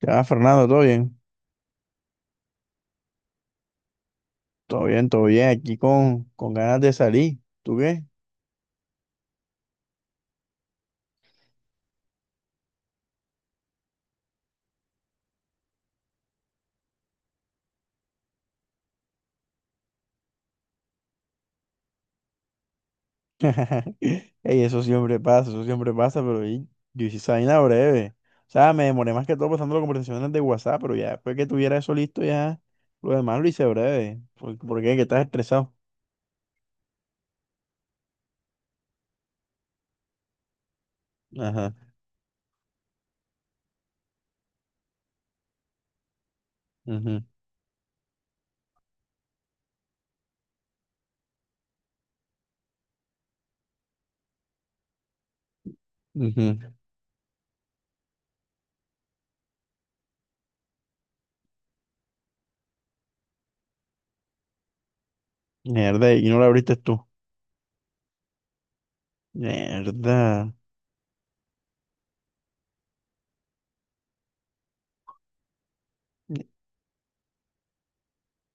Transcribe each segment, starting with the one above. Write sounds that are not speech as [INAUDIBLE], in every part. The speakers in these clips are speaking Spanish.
Ya, Fernando, ¿todo bien? Todo bien, todo bien. Aquí con ganas de salir. ¿Tú qué? [LAUGHS] Ey, eso siempre pasa, yo hice esa vaina breve. O sea, me demoré más que todo pasando las conversaciones de WhatsApp, pero ya después que tuviera eso listo, ya lo demás lo hice breve. ¿Por qué? ¿Que estás estresado? Ajá. Ujú, ujú. Mierda, ¿y no lo abriste tú? Mierda.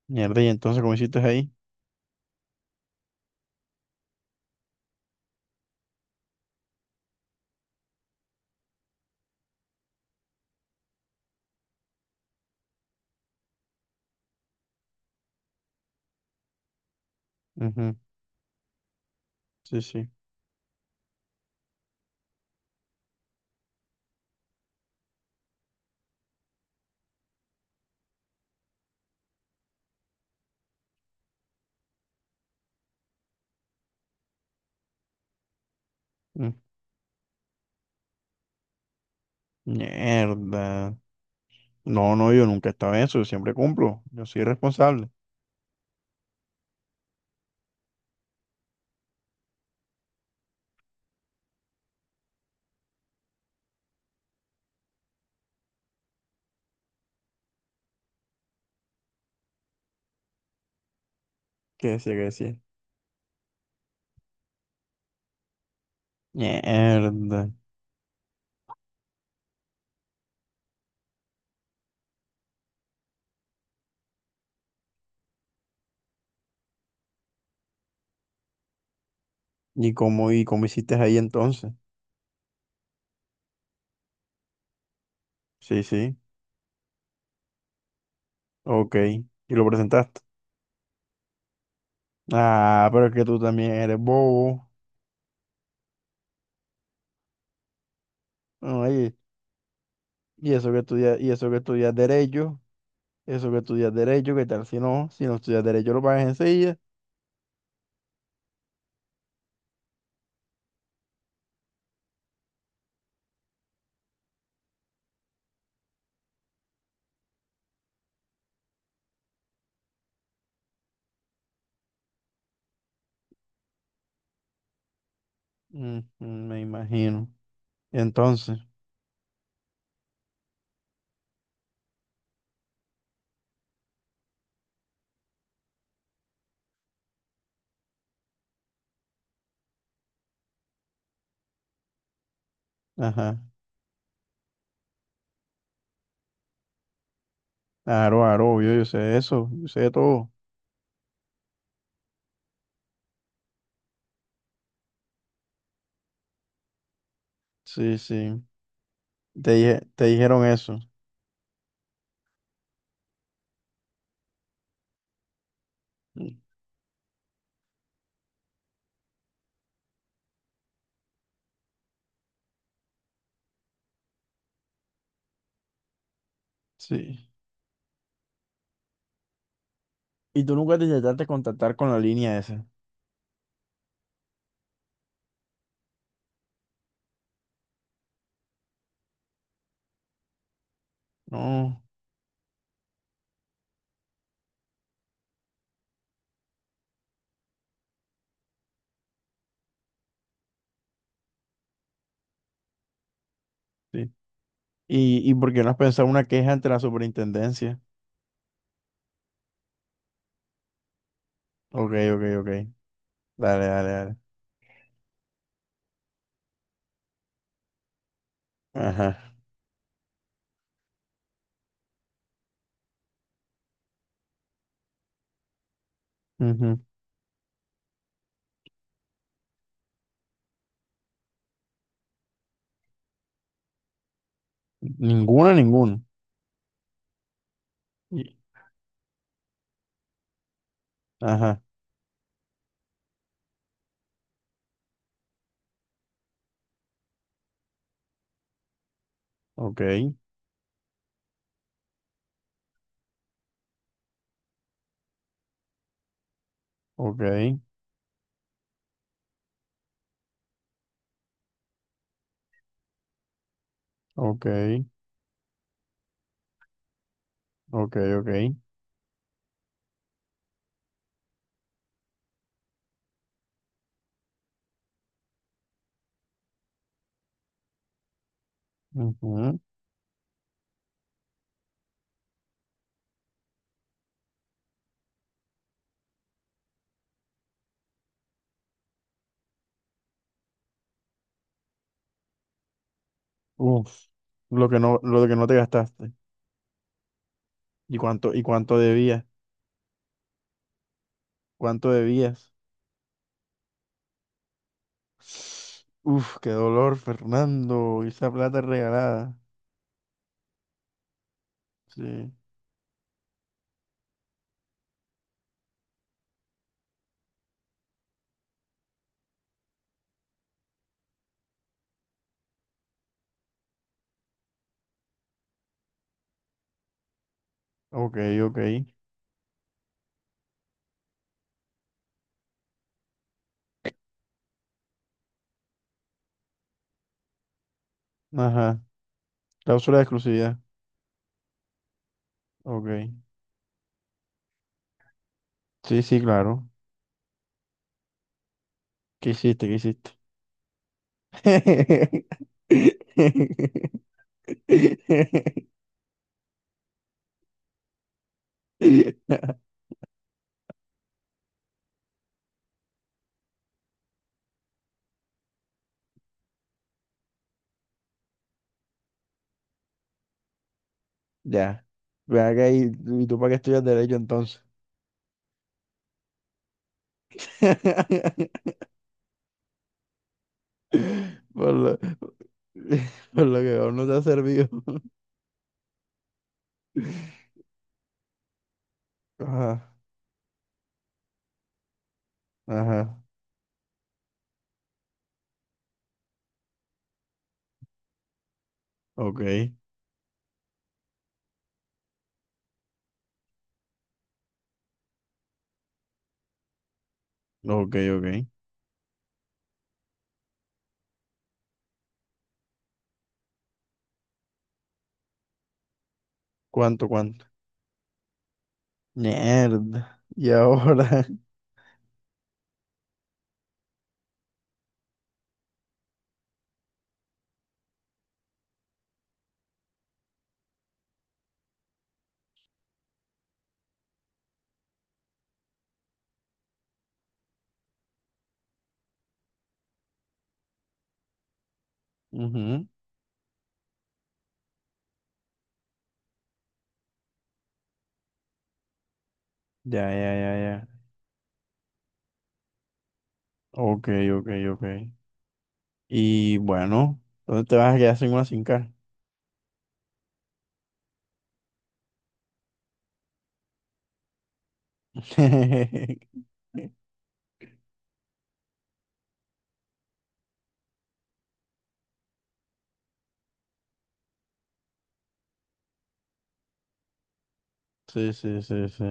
Mierda, y entonces, ¿cómo hiciste ahí? Ujú. Sí, sí. Mm. Mierda. No, no, yo nunca estaba en eso, yo siempre cumplo, yo soy responsable. ¿Qué decía, qué decía? Mierda. ¿Y cómo hiciste ahí entonces? Sí, sí. Ok. ¿Y lo presentaste? Ah, pero es que tú también eres bobo. Oye, y eso que estudias, y eso que estudias derecho, eso que estudias derecho, ¿qué tal si no? Si no estudias derecho lo pagas enseguida. Mm, mm, me imagino. Entonces, ajá. Aro, aro, obvio, yo sé eso, yo sé todo. Sí, sí. Te dije, te dijeron eso. Sí. Y tú nunca te intentaste contactar con la línea esa. No, sí. Y por qué no has pensado una queja ante la superintendencia? Ok, ok, ok. Dale, dale, dale. Ajá. Ujú. Ninguna, ninguna. Y- ajá. Ok, ok, ok, ok, ok. Ujú. Uf. Lo que no te gastaste. ¿Y cuánto debías? ¿Cuánto debías? Uf, qué dolor, Fernando. Esa plata regalada. Sí. Ok, ok. Ajá. Cláusula de exclusividad. Ok. Sí, sí, claro. ¿Qué hiciste? ¿Qué hiciste? [LAUGHS] Ya. Ve acá y tú para qué estudias derecho entonces. [LAUGHS] Por lo, [LAUGHS] por lo que aún no te ha servido. [LAUGHS] Ajá, ajá. Ok, ok, ok. ¿Cuánto, cuánto? Mierda. Y ahora. [LAUGHS] Ujú. Ya, ya, ya, ya. Ok, ok, ok. Y bueno, ¿dónde te vas a quedar sin una sin cara? [LAUGHS] Sí, sí, sí, sí.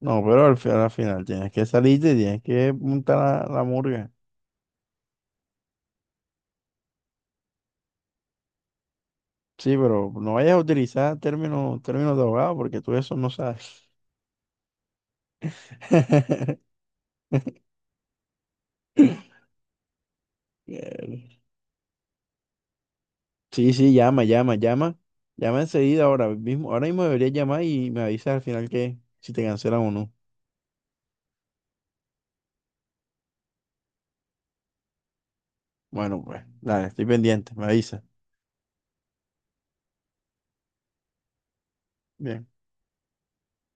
No, pero al, al final tienes que salirte y tienes que montar la murga. Sí, pero no vayas a utilizar términos, términos de abogado porque tú eso no sabes. [LAUGHS] Eh, Sí, sí, llama, llama, llama. Llama enseguida ahora mismo. Ahora mismo deberías llamar y me avisas al final que si te cancelan o no. Bueno, pues, dale, estoy pendiente, me avisa. Bien.